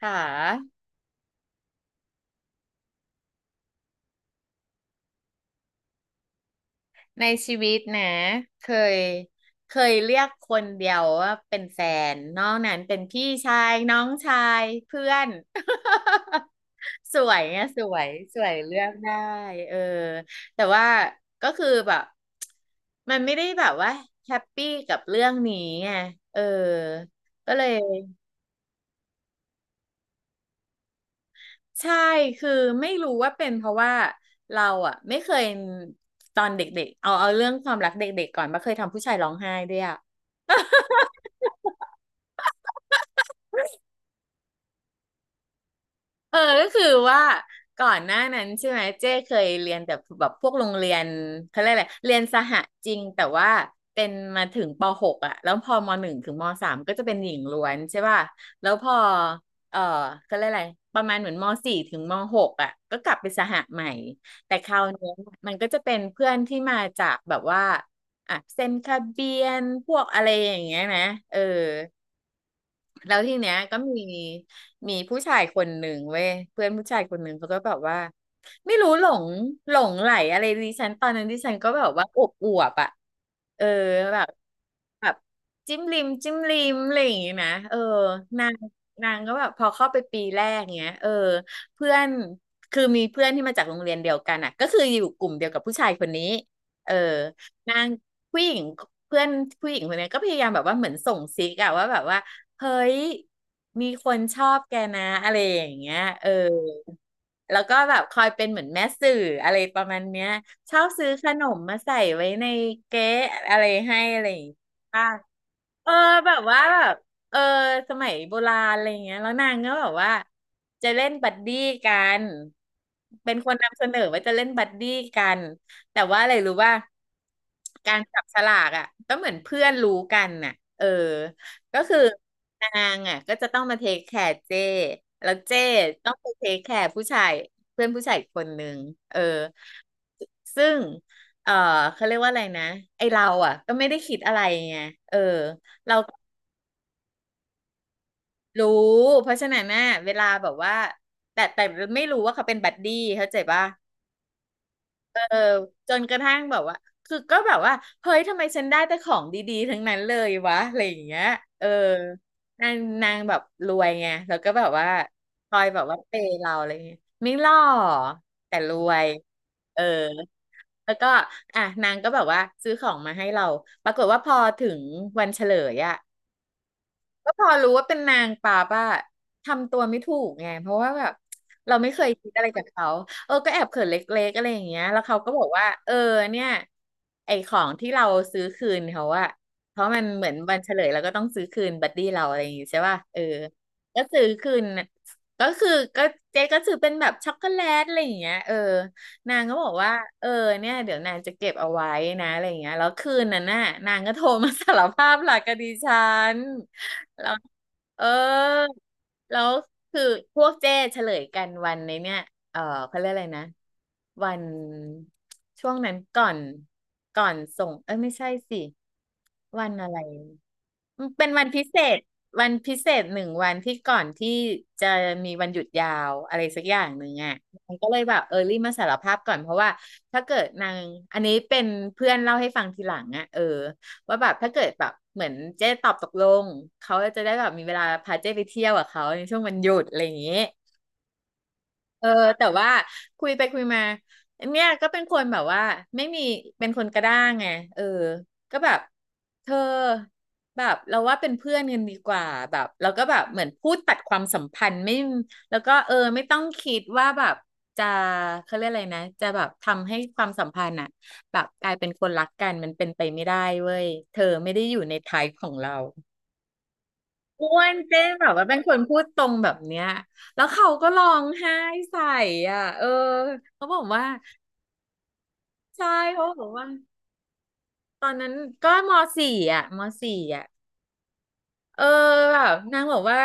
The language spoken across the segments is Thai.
ค่ะในชีวิตนะเคยเคยเรียกคนเดียวว่าเป็นแฟนนอกนั้นเป็นพี่ชายน้องชายเพื่อน สวยไงสวยสวยเลือกได้เออแต่ว่าก็คือแบบมันไม่ได้แบบว่าแฮปปี้กับเรื่องนี้ไงเออก็เลย ใช่ คือไม่รู้ว่าเป็นเพราะว่าเราอ่ะไม่เคยตอนเด็กๆเอาเรื่องความรักเด็กๆก่อนมาเคยทำผู้ชายร้องไห้ด้วยอ่ะ ก็คือว่าก่อนหน้านั้นใช่ไหมเจ้เคยเรียนแต่แบบพวกโรงเรียนเขาเรียกอะไรเรียนสหจริงแต่ว่าเป็นมาถึงปหกอ่ะแล้วพอมหนึ่งถึงมสามก็จะเป็นหญิงล้วนใช่ป่ะแล้วพอเออเขาเรียกอะไรประมาณเหมือนมสี่ถึงมหกอ่ะก็กลับไปสหใหม่แต่คราวนี้มันก็จะเป็นเพื่อนที่มาจากแบบว่าอ่ะเซนคาเบียนพวกอะไรอย่างเงี้ยนะเออ แล้วทีเนี้ยก็มีผู้ชายคนหนึ่งเว้ยเพื่อนผู้ชายคนหนึ่งเขาก็แบบว่าไม่รู้หลงหลงไหลอะไรดิฉันตอนนั้นดิฉันก็แบบว่าอวบอวบอ่ะเออแบบแบบจิ้มลิมจิ้มลิมอะไรอย่างงี้นะนางนางก็แบบพอเข้าไปปีแรกเงี้ยเพื่อนคือมีเพื่อนที่มาจากโรงเรียนเดียวกันอ่ะก็คืออยู่กลุ่มเดียวกับผู้ชายคนนี้เออนางผู้หญิงเพื่อนผู้หญิงคนนี้ก็พยายามแบบว่าเหมือนส่งซิกอะว่าแบบว่า เฮ้ยมีคนชอบแกนะอะไรอย่างเงี้ย แล้วก็แบบคอยเป็นเหมือนแม่สื่ออะไรประมาณเนี้ยชอบซื้อขนมมาใส่ไว้ในเก๊ะอะไรให้อะไรอย่างเงี้ย เออแบบว่าแบบเออสมัยโบราณอะไรเงี้ยแล้วนางก็แบบว่าจะเล่นบัดดี้กันเป็นคนนำเสนอว่าจะเล่นบัดดี้กันแต่ว่าอะไรรู้ว่าการจับฉลากอ่ะก็เหมือนเพื่อนรู้กันน่ะเออก็คือนางอ่ะก็จะต้องมาเทคแคร์เจ้แล้วเจ้ต้องไปเทคแคร์ผู้ชายเพื่อนผู้ชายอีกคนนึงเออซึ่งเออเขาเรียกว่าอะไรนะไอเราอ่ะก็ไม่ได้คิดอะไรไงเออ เราก็รู้เพราะฉะนั้นน่ะเวลาแบบว่าแต่ไม่รู้ว่าเขาเป็นบัดดี้เข้าใจป่ะเออจนกระทั่งแบบว่าคือก็แบบว่าเฮ้ยทำไมฉันได้แต่ของดีๆทั้งนั้นเลยวะอะไรอย่างเงี้ยเออนางนางแบบรวยไงแล้วก็แบบว่าคอยแบบว่าเปย์เราอะไรเงี้ยไม่หล่อแต่รวยเออแล้วก็อ่ะนางก็แบบว่าซื้อของมาให้เราปรากฏว่าพอถึงวันเฉลยอะ ก็พอรู้ว่าเป็นนางป่าป่ะทำตัวไม่ถูกไงเพราะว่าแบบเราไม่เคยคิดอะไรกับเขาก็แอบเขินเล็กๆอะไรอย่างเงี้ยแล้วเขาก็บอกว่าเนี่ยไอของที่เราซื้อคืนเขาอะเพราะมันเหมือนวันเฉลยเราก็ต้องซื้อคืนบัดดี้เราอะไรอย่างงี้ใช่ป่ะก็ซื้อคืนน่ะก็คือก็เจ๊ก็ซื้อเป็นแบบช็อกโกแลตอะไรอย่างเงี้ยนางก็บอกว่าเออเนี่ยเดี๋ยวนางจะเก็บเอาไว้นะอะไรอย่างเงี้ยแล้วคืนนั้นน่ะนางก็โทรมาสารภาพหลักกับดิฉัน แล้วเออแล้วคือพวกเจ้เฉลยกันวันในเนี่ยเออเขาเรียกอะไรนะวันช่วงนั้นก่อนก่อนส่งเอ้ยไม่ใช่สิวันอะไร เป็นวันพิเศษวันพิเศษหนึ่งวันที่ก่อนที่จะมีวันหยุดยาวอะไรสักอย่างหนึ่งอ่ะนางก็เลยแบบรีมาสารภาพก่อนเพราะว่าถ้าเกิดนางอันนี้เป็นเพื่อนเล่าให้ฟังทีหลังอ่ะว่าแบบถ้าเกิดแบบเหมือนเจ๊ตอบตกลงเขาจะได้แบบมีเวลาพาเจ๊ไปเที่ยวกับเขาในช่วงวันหยุดอะไรอย่างงี้ เออแต่ว่าคุยไปคุยมาเนี่ยก็เป็นคนแบบว่าไม่มีเป็นคนกระด้างไงเออก็แบบเธอแบบเราว่าเป็นเพื่อนกันดีกว่าแบบเราก็แบบเหมือนพูดตัดความสัมพันธ์ไม่แล้วก็ไม่ต้องคิดว่าแบบจะเขาเรียกอะไรนะจะแบบทำให้ความสัมพันธ์อะแบบกลายเป็นคนรักกันมันเป็นไปไม่ได้เว้ยเธอไม่ได้อยู่ในไทป์ของเรา อ้วนเจ๊งแบบว่าเป็นคนพูดตรงแบบเนี้ยแล้วเขาก็ร้องไห้ใส่อ่ะเออเขาบอกว่าใช่เขาบอกว่าตอนนั้นก็มสี่อ่ะมสี่อ่ะเออแบบนางบอกว่า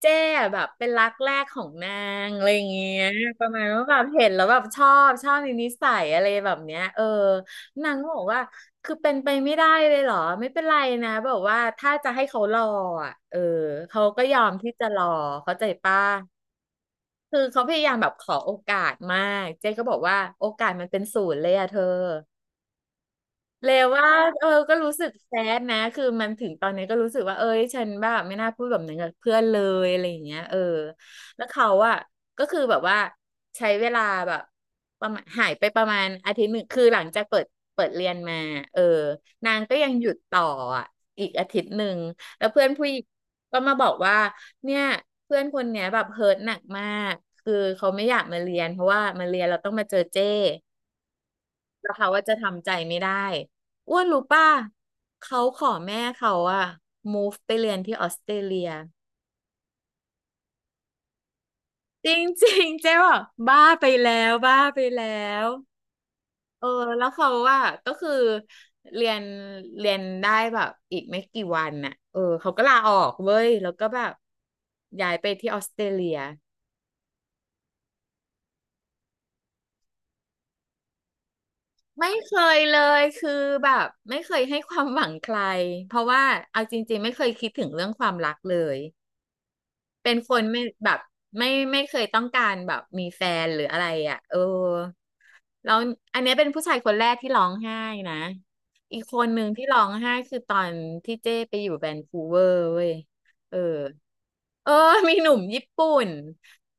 เจ๊อะแบบเป็นรักแรกของนางอะไรอย่างเงี้ยประมาณว่าแบบเห็นแล้วแบบชอบในนิสัยอะไรแบบเนี้ยเออนางก็บอกว่าคือเป็นไปไม่ได้เลยเหรอไม่เป็นไรนะแบบว่าถ้าจะให้เขารออ่ะเออเขาก็ยอมที่จะรอเข้าใจป้ะ คือเขาพยายามแบบขอโอกาสมาก เจ๊ก็บอกว่าโอกาสมันเป็นศูนย์เลยอะเธอ เลวว่าเออก็รู้สึกแซดนะคือมันถึงตอนนี้ก็รู้สึกว่าเอ้ยฉันแบบไม่น่าพูดแบบนั้นกับเพื่อนเลยอะไรอย่างเงี้ยเออแล้วเขาอะก็คือแบบว่าใช้เวลาแบบประมาณหายไปประมาณอาทิตย์หนึ่งคือหลังจากเปิดเรียนมาเออนางก็ยังหยุดต่ออะอีกอาทิตย์หนึ่งแล้วเพื่อนผู้หญิงก็มาบอกว่าเนี่ยเพื่อนคนเนี้ยแบบเฮิร์ตหนักมากคือเขาไม่อยากมาเรียนเพราะว่ามาเรียนเราต้องมาเจอเจ้ แล้วเขาว่าจะทำใจไม่ได้อ้วนรู้ป่ะเขาขอแม่เขาอะ move ไปเรียนที่ออสเตรเลียจริงๆเจ๊บอกบ้าไปแล้วบ้าไปแล้วเออแล้วเขาว่าก็คือเรียนเรียนได้แบบอีกไม่กี่วันน่ะเออเขาก็ลาออกเว้ยแล้วก็แบบย้ายไปที่ออสเตรเลียไม่เคยเลยคือแบบไม่เคยให้ความหวังใครเพราะว่าเอาจริงๆไม่เคยคิดถึงเรื่องความรักเลย เป็นคนไม่แบบไม่เคยต้องการแบบมีแฟนหรืออะไรอ่ะเออแล้วอันเนี้ยเป็นผู้ชายคนแรกที่ร้องไห้นะอีกคนหนึ่งที่ร้องไห้คือตอนที่เจ้ไปอยู่แวนคูเวอร์เว้ยเออเออมีหนุ่มญี่ปุ่น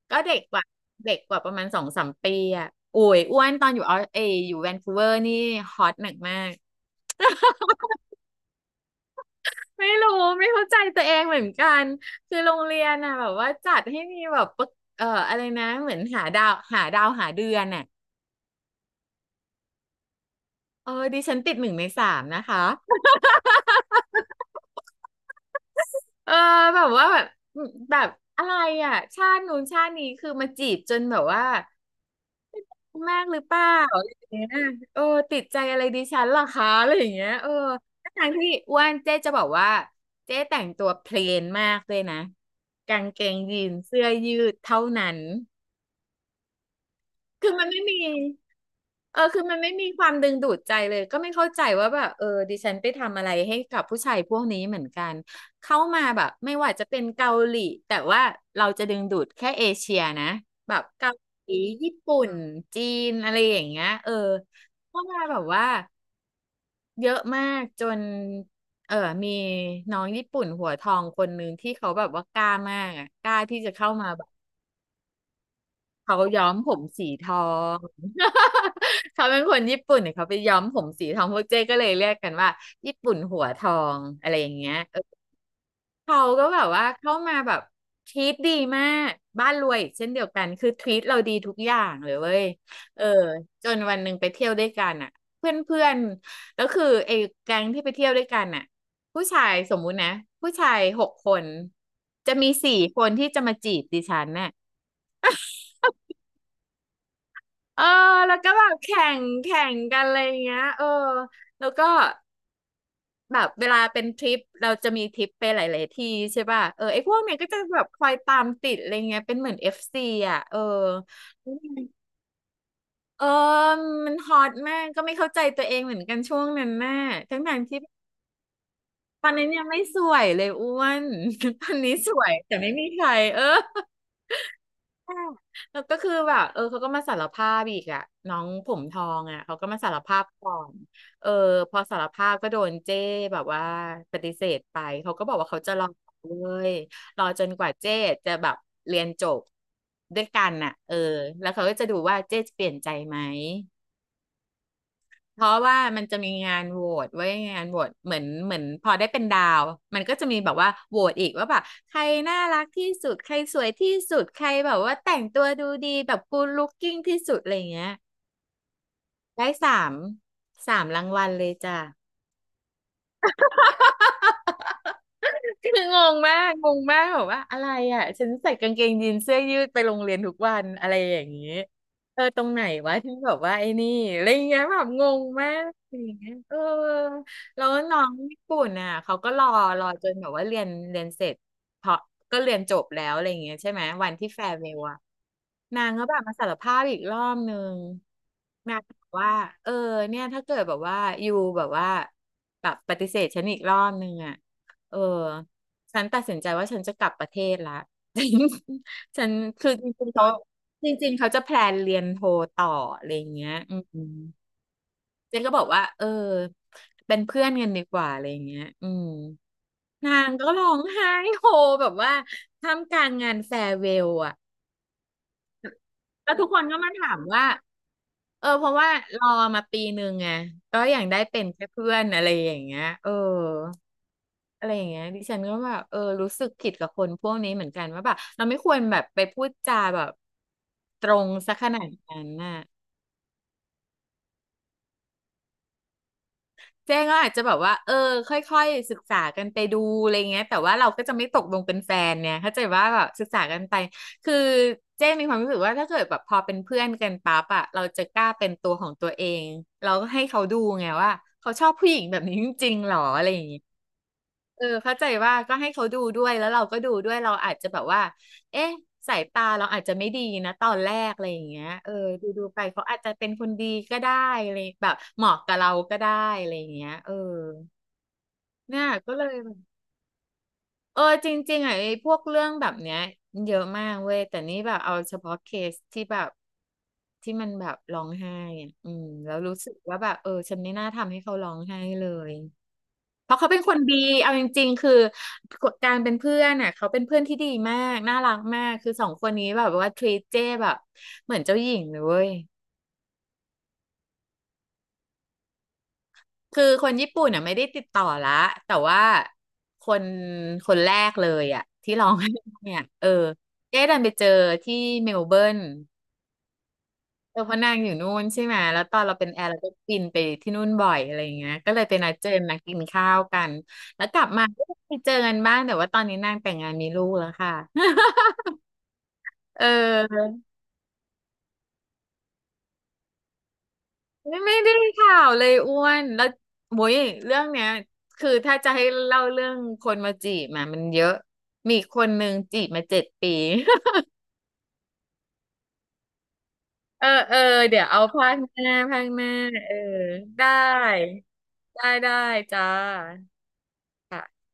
ก็เด็กกว่าประมาณสองสามปีอ่ะโอ้ยอ้วนตอนอยู่ออสเอยอยู่แวนคูเวอร์นี่ฮอตหนักมาก ไม่รู้ไม่เข้าใจตัวเองเหมือนกันคือโรงเรียนน่ะแบบว่าจัดให้มีแบบประเอ่ออะไรนะเหมือนหาดาวหาเดือนน่ะเออดิฉันติดหนึ่งในสามนะคะเออแบบว่าแบบแบบอะไรอ่ะชาตินู้นชาตินี้คือมาจีบจนแบบว่าแมากหรือเปล่าอะไรอย่างเงี้ยเออติดใจอะไรดิฉันเหรอคะอะไรอย่างเงี้ยเออทั้งที่อ้วนเจ๊จะบอกว่าเจ๊แต่งตัวเพลนมากด้วยนะกางเกงยีนเสื้อยืดเท่านั้น คือมันไม่มีเออคือมันไม่มีความดึงดูดใจเลยก็ไม่เข้าใจว่าแบบเออดิฉันไปทำอะไรให้กับผู้ชายพวกนี้เหมือนกัน เข้ามาแบบไม่ว่าจะเป็นเกาหลี แต่ว่าเราจะดึงดูดแค่เอเชียนะแบบเกาหลีญี่ปุ่น จีนอะไรอย่างเงี้ยเออเข้ามาแบบว่าเยอะมากจนเออมีน้องญี่ปุ่นหัวทองคนนึงที่เขาแบบว่ากล้ามากอะกล้าที่จะเข้ามาแบบ เขาย้อมผมสีทอง เขาเป็นคนญี่ปุ่นเนี่ยเขาไปย้อมผมสีทองพวกเจ๊ก็เลยเรียกกันว่าญี่ปุ่นหัวทองอะไรอย่างเงี้ยเออเขาก็แบบว่าเข้ามาแบบทรีตดีมากบ้านรวยอีกเช่นเดียวกันคือทรีตเราดีทุกอย่างเลยเว้ยเออจนวันหนึ่งไปเที่ยวด้วยกันอ่ะเพื่อนเพื่อนแล้วคือไอ้แก๊งที่ไปเที่ยวด้วยกันอ่ะผู้ชายสมมุตินะผู้ชายหกคนจะมีสี่คนที่จะมาจีบดิฉันน่ะ เออแล้วก็แบบแข่งกันอะไรอย่างเงี้ยเออแล้วก็แบบเวลาเป็นทริปเราจะมีทริปไปหลายๆที่ใช่ป่ะเออไอ้พวกเนี้ยก็จะแบบคอยตามติดอะไรเงี้ยเป็นเหมือนเอฟซีอ่ะเออมันฮอตมากก็ไม่เข้าใจตัวเองเหมือนกันช่วงนั้นน่ะทั้งทางที่ตอนนั้นยังไม่สวยเลยอ้วน ตอนนี้สวยแต่ไม่มีใครเออ ค่ะแล้วก็คือแบบเออเขาก็มาสารภาพอีกอะน้องผมทองอะเขาก็มาสารภาพก่อนเออพอสารภาพก็โดนเจ้แบบว่าปฏิเสธไปเขาก็บอกว่าเขาจะรอเลยรอจนกว่าเจ้จะแบบเรียนจบด้วยกันน่ะเออแล้วเขาก็จะดูว่าเจ้จะเปลี่ยนใจไหม เพราะว่ามันจะมีงานโหวตเหมือนเหมือนพอได้เป็นดาวมันก็จะมีแบบว่าโหวตอีกว่าแบบใครน่ารักที่สุดใครสวยที่สุดใครแบบว่าแต่งตัวดูดีแบบกู o ล looking ที่สุดอะไรเงี้ยได้สามรางวัลเลยจ้ะ คืองงมากแบบว่าอะไรอ่ะฉันใส่กางเกงยีนเสื้อยืดไปโรงเรียนทุกวันอะไรอย่างนี้เออตรงไหนวะที่แบบว่าไอ้นี่อะไรอย่างเงี้ยแบบงงมากอย่างเงี้ยเออแล้วน้องญี่ปุ่นอ่ะเขาก็รอจนแบบว่าเรียนเสร็จเพราะก็เรียนจบแล้วอะไรอย่างเงี้ยใช่ไหมวันที่แฟร์เวลอะนางก็แบบมาสารภาพอีกรอบนึงนางบอกว่าเออเนี่ยถ้าเกิดแบบว่าอยู่แบบว่าแบบปฏิเสธฉันอีกรอบนึงอ่ะเออ ฉันตัดสินใจว่าฉันจะกลับประเทศละ ฉันคือจริงๆเขาจริงๆเขาจะแพลนเรียนโทต่ออะไรอย่างเงี้ยอืมเจนก็บอกว่าเออเป็นเพื่อนกันดีกว่าอะไรอย่างเงี้ยอืมนางก็ร้องไห้โฮแบบว่าท่ามกลางงานแฟร์เวลอะ แล้วทุกคนก็มาถามว่าเออเพราะว่ารอมาปีหนึ่งไงก็อย่างได้เป็นแค่เพื่อนอะไรอย่างเงี้ยเอออะไรอย่างเงี้ยดิฉันก็แบบเออรู้สึกผิดกับคนพวกนี้เหมือนกันว่าแบบเราไม่ควรแบบไปพูดจาแบบตรงซะขนาดนั้นน่ะ เจ้ก็อาจจะแบบว่า เออค่อยๆศึกษากันไปดูอะไรเงี้ยแต่ว่าเราก็จะไม่ตกลงเป็นแฟนเนี่ยเข้าใจว่าแบบศึกษากันไปคือเจ้มีความรู้สึกว่าถ้าเกิดแบบพอเป็นเพื่อนกันปั๊บอะเราจะกล้าเป็นตัวของตัวเองเราก็ให้เขาดูไงว่าเขาชอบผู้หญิงแบบนี้จริงๆหรออะไรอย่างเงี้ย เออเข้าใจว่าก็ให้เขาดูด้วยแล้วเราก็ดูด้วยเราอาจจะแบบว่าเอ๊ะสายตาเราอาจจะไม่ดีนะตอนแรกอะไรอย่างเงี้ยเออดูไปเขาอาจจะเป็นคนดีก็ได้อะไรแบบเหมาะกับเราก็ได้อะไรอย่างเงี้ยเออเนี่ยก็เลยแบบเออจริงๆอ่ะไอ้พวกเรื่องแบบเนี้ยเยอะมากเว้ยแต่นี่แบบเอาเฉพาะเคสที่แบบที่มันแบบร้องไห้อ่ะอืมแล้วรู้สึกว่าแบบเออฉันไม่น่าทำให้เขาร้องไห้เลย เพราะเขาเป็นคนดีเอาจริงๆ คือการเป็นเพื่อนน่ะเขาเป็นเพื่อนที่ดีมากน่ารักมาก คือสองคนนี้แบบว่าทรีเจ้แบบเหมือนเจ้าหญิงเลยเว้ยคือคนญี่ปุ่นน่ะไม่ได้ติดต่อละแต่ว่าคนคนแรกเลยอ่ะที่ร้องไห้เนี่ยเออเจ๊ดันไปเจอที่เมลเบิร์นเออเพราะนางอยู่นู่นใช่ไหมแล้วตอนเราเป็นแอร์เราก็บินไปที่นู่นบ่อยอะไรอย่างเงี้ยก็เลยไปนัดเจอนัดกินข้าวกันแล้วกลับมาก็ไปเจอกันบ้างแต่ว่าตอนนี้นางแต่งงานมีลูกแล้วค่ะ เออไม่ได้ข่าวเลยอ้วนแล้วโว้ยเรื่องเนี้ยคือถ้าจะให้เล่าเรื่องคนมาจีบมามันเยอะมีคนหนึ่งจีบมา7 ปี เออเดี๋ยวเอาภาคหน้าภาคหน้าเออได้ได้จ้าค่ะ